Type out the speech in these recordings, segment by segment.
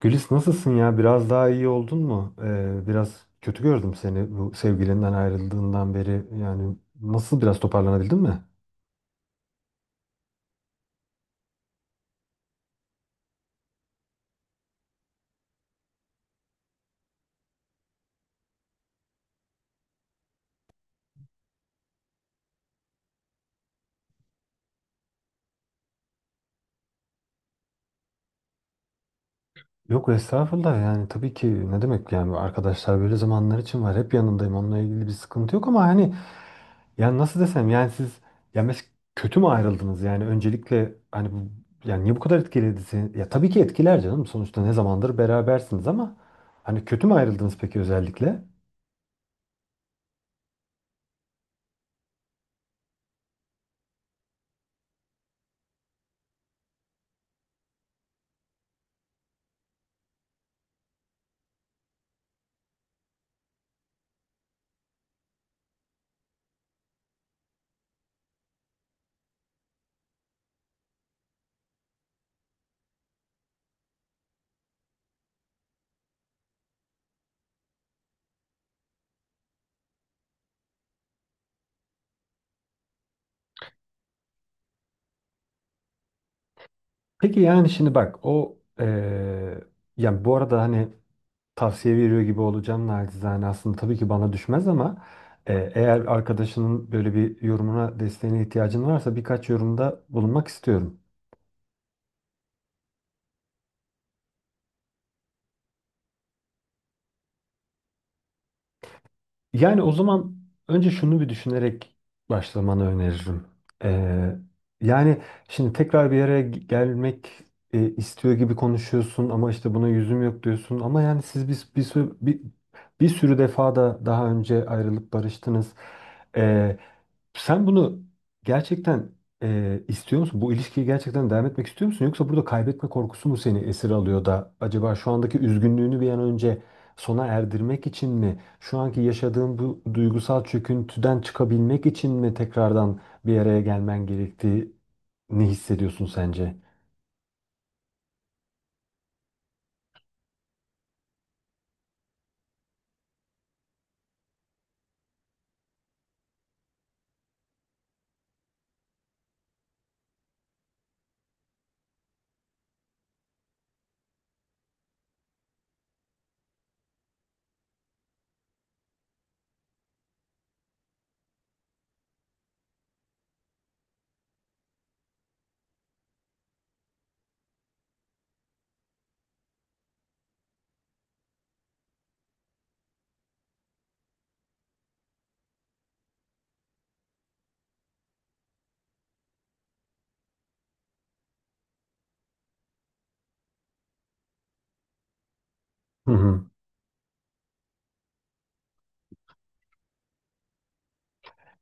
Gülis nasılsın ya? Biraz daha iyi oldun mu? Biraz kötü gördüm seni bu sevgilinden ayrıldığından beri. Yani nasıl biraz toparlanabildin mi? Yok estağfurullah, yani tabii ki ne demek, yani arkadaşlar böyle zamanlar için var. Hep yanındayım, onunla ilgili bir sıkıntı yok ama hani yani nasıl desem yani siz ya mes kötü mü ayrıldınız? Yani öncelikle hani bu yani niye bu kadar etkiledi seni? Ya tabii ki etkiler canım, sonuçta ne zamandır berabersiniz, ama hani kötü mü ayrıldınız peki özellikle? Peki yani şimdi bak o yani bu arada hani tavsiye veriyor gibi olacağım naçizane, aslında tabii ki bana düşmez ama eğer arkadaşının böyle bir yorumuna desteğine ihtiyacın varsa birkaç yorumda bulunmak istiyorum. Yani o zaman önce şunu bir düşünerek başlamanı öneririm. Ee, Yani şimdi tekrar bir araya gelmek istiyor gibi konuşuyorsun ama işte buna yüzüm yok diyorsun. Ama yani siz bir sürü defa da daha önce ayrılıp barıştınız. Ee, Sen bunu gerçekten istiyor musun? Bu ilişkiyi gerçekten devam etmek istiyor musun? Yoksa burada kaybetme korkusu mu seni esir alıyor da acaba şu andaki üzgünlüğünü bir an önce sona erdirmek için mi? Şu anki yaşadığın bu duygusal çöküntüden çıkabilmek için mi tekrardan bir araya gelmen gerektiğini hissediyorsun sence? Hı hı.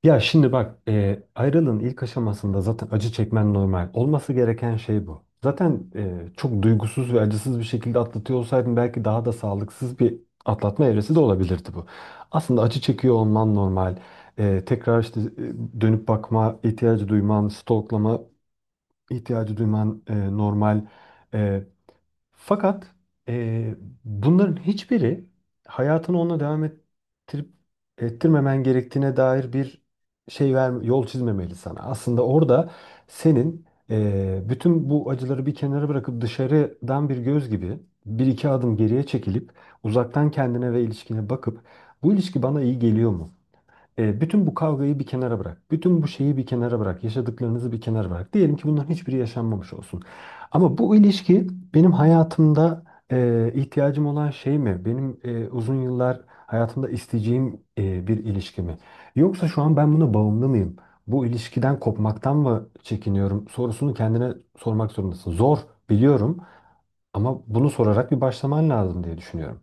Ya şimdi bak, ayrılığın ilk aşamasında zaten acı çekmen normal. Olması gereken şey bu. Zaten çok duygusuz ve acısız bir şekilde atlatıyor olsaydın belki daha da sağlıksız bir atlatma evresi de olabilirdi bu. Aslında acı çekiyor olman normal. Tekrar işte dönüp bakma ihtiyacı duyman, stalklama ihtiyacı duyman, normal. E, fakat eee, bunların hiçbiri hayatını onunla devam ettirip ettirmemen gerektiğine dair bir şey verme, yol çizmemeli sana. Aslında orada senin bütün bu acıları bir kenara bırakıp dışarıdan bir göz gibi bir iki adım geriye çekilip uzaktan kendine ve ilişkine bakıp bu ilişki bana iyi geliyor mu? Bütün bu kavgayı bir kenara bırak. Bütün bu şeyi bir kenara bırak. Yaşadıklarınızı bir kenara bırak. Diyelim ki bunların hiçbiri yaşanmamış olsun. Ama bu ilişki benim hayatımda ihtiyacım olan şey mi? Benim uzun yıllar hayatımda isteyeceğim bir ilişki mi? Yoksa şu an ben buna bağımlı mıyım? Bu ilişkiden kopmaktan mı çekiniyorum? Sorusunu kendine sormak zorundasın. Zor biliyorum ama bunu sorarak bir başlaman lazım diye düşünüyorum.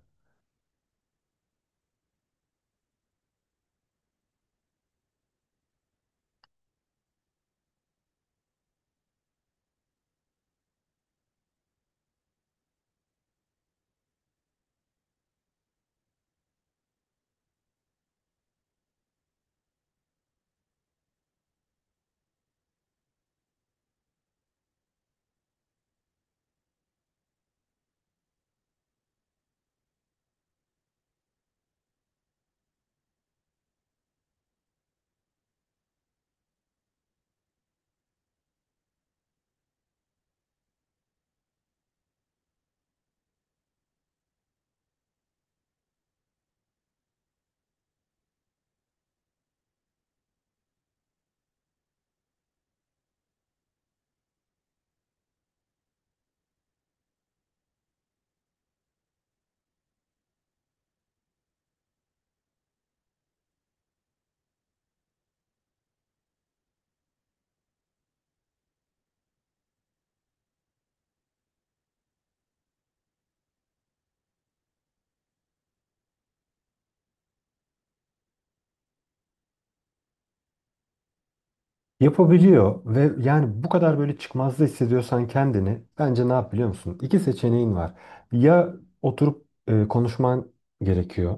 Yapabiliyor ve yani bu kadar böyle çıkmazda hissediyorsan kendini bence ne yap biliyor musun? İki seçeneğin var. Ya oturup konuşman gerekiyor.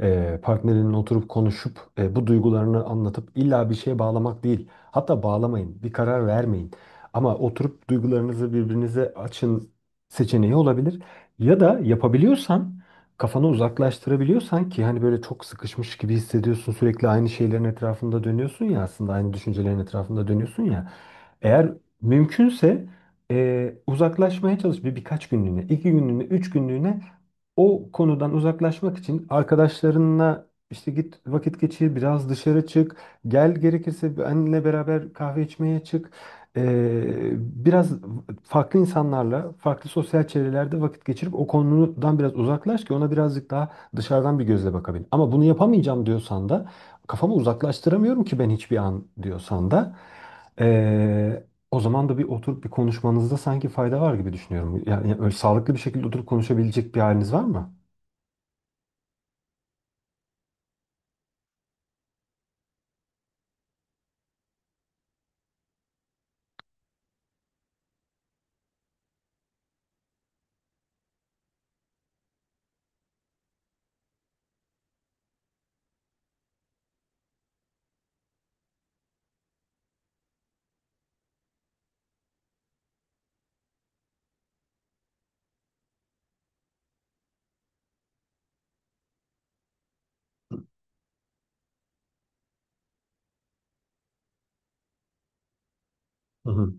Partnerinin oturup konuşup bu duygularını anlatıp illa bir şeye bağlamak değil. Hatta bağlamayın, bir karar vermeyin. Ama oturup duygularınızı birbirinize açın seçeneği olabilir. Ya da yapabiliyorsan kafanı uzaklaştırabiliyorsan ki hani böyle çok sıkışmış gibi hissediyorsun, sürekli aynı şeylerin etrafında dönüyorsun ya, aslında aynı düşüncelerin etrafında dönüyorsun ya, eğer mümkünse uzaklaşmaya çalış, birkaç günlüğüne, iki günlüğüne, üç günlüğüne o konudan uzaklaşmak için arkadaşlarınla işte git vakit geçir, biraz dışarı çık, gel gerekirse benle beraber kahve içmeye çık. Ee, Biraz farklı insanlarla, farklı sosyal çevrelerde vakit geçirip o konudan biraz uzaklaş ki ona birazcık daha dışarıdan bir gözle bakabilin. Ama bunu yapamayacağım diyorsan da, kafamı uzaklaştıramıyorum ki ben hiçbir an diyorsan da, Ee, o zaman da bir oturup bir konuşmanızda sanki fayda var gibi düşünüyorum. Yani öyle sağlıklı bir şekilde oturup konuşabilecek bir haliniz var mı? Hı hı.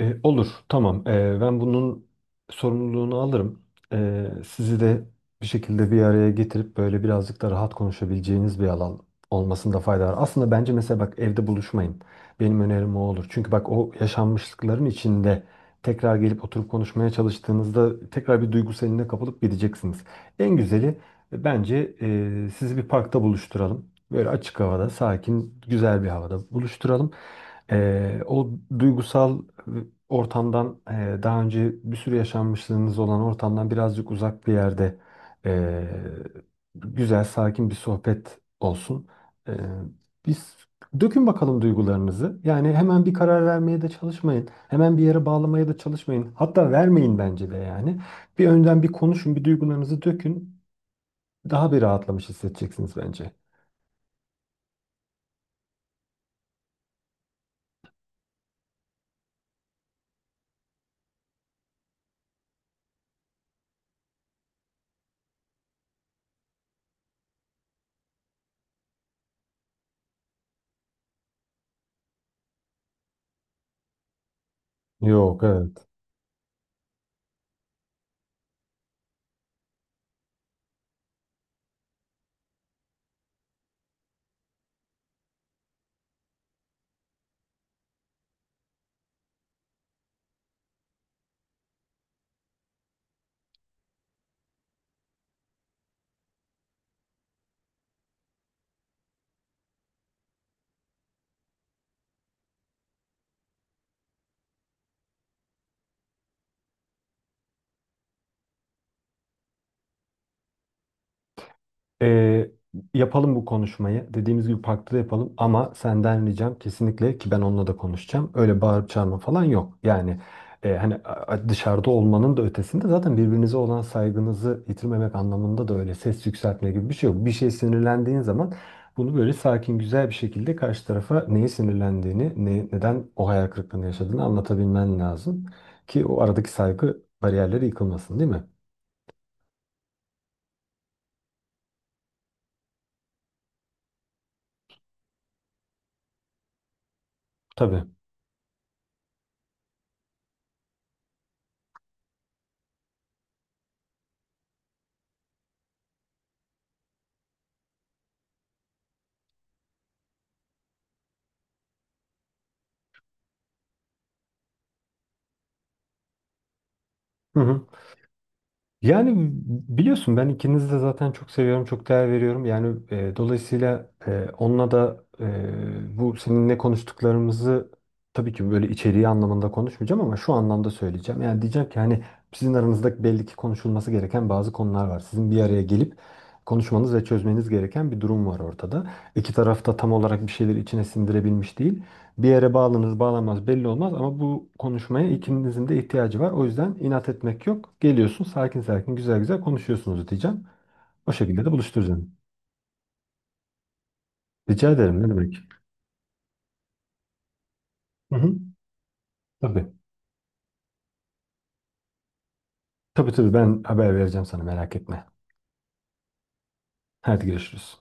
Olur, tamam. Ben bunun sorumluluğunu alırım. Sizi de bir şekilde bir araya getirip böyle birazcık da rahat konuşabileceğiniz bir alan olmasında fayda var. Aslında bence mesela bak, evde buluşmayın. Benim önerim o olur. Çünkü bak, o yaşanmışlıkların içinde tekrar gelip oturup konuşmaya çalıştığınızda tekrar bir duygu seline kapılıp gideceksiniz. En güzeli bence sizi bir parkta buluşturalım. Böyle açık havada, sakin, güzel bir havada buluşturalım. O duygusal ortamdan, daha önce bir sürü yaşanmışlığınız olan ortamdan birazcık uzak bir yerde e, güzel sakin bir sohbet olsun. E, Biz dökün bakalım duygularınızı. Yani hemen bir karar vermeye de çalışmayın. Hemen bir yere bağlamaya da çalışmayın. Hatta vermeyin bence de yani. Bir önden bir konuşun, bir duygularınızı dökün. Daha bir rahatlamış hissedeceksiniz bence. Yok, evet. Ee, Yapalım bu konuşmayı. Dediğimiz gibi parkta da yapalım ama senden ricam kesinlikle ki ben onunla da konuşacağım, öyle bağırıp çağırma falan yok. Yani hani, dışarıda olmanın da ötesinde zaten birbirinize olan saygınızı yitirmemek anlamında da öyle ses yükseltme gibi bir şey yok. Bir şey sinirlendiğin zaman bunu böyle sakin güzel bir şekilde karşı tarafa neye sinirlendiğini, neden o hayal kırıklığını yaşadığını anlatabilmen lazım ki o aradaki saygı bariyerleri yıkılmasın, değil mi? Tabii. Hı hı. Yani biliyorsun ben ikinizi de zaten çok seviyorum, çok değer veriyorum. Yani dolayısıyla onunla da bu seninle konuştuklarımızı tabii ki böyle içeriği anlamında konuşmayacağım ama şu anlamda söyleyeceğim. Yani diyeceğim ki hani sizin aranızda belli ki konuşulması gereken bazı konular var. Sizin bir araya gelip konuşmanız ve çözmeniz gereken bir durum var ortada. İki taraf da tam olarak bir şeyleri içine sindirebilmiş değil. Bir yere bağlanır bağlanmaz belli olmaz ama bu konuşmaya ikinizin de ihtiyacı var. O yüzden inat etmek yok. Geliyorsun, sakin sakin güzel güzel konuşuyorsunuz diyeceğim. O şekilde de buluşturacağım. Rica ederim, ne demek. Hı hı. Tabii. Tabii tabii, ben haber vereceğim sana, merak etme. Hadi görüşürüz.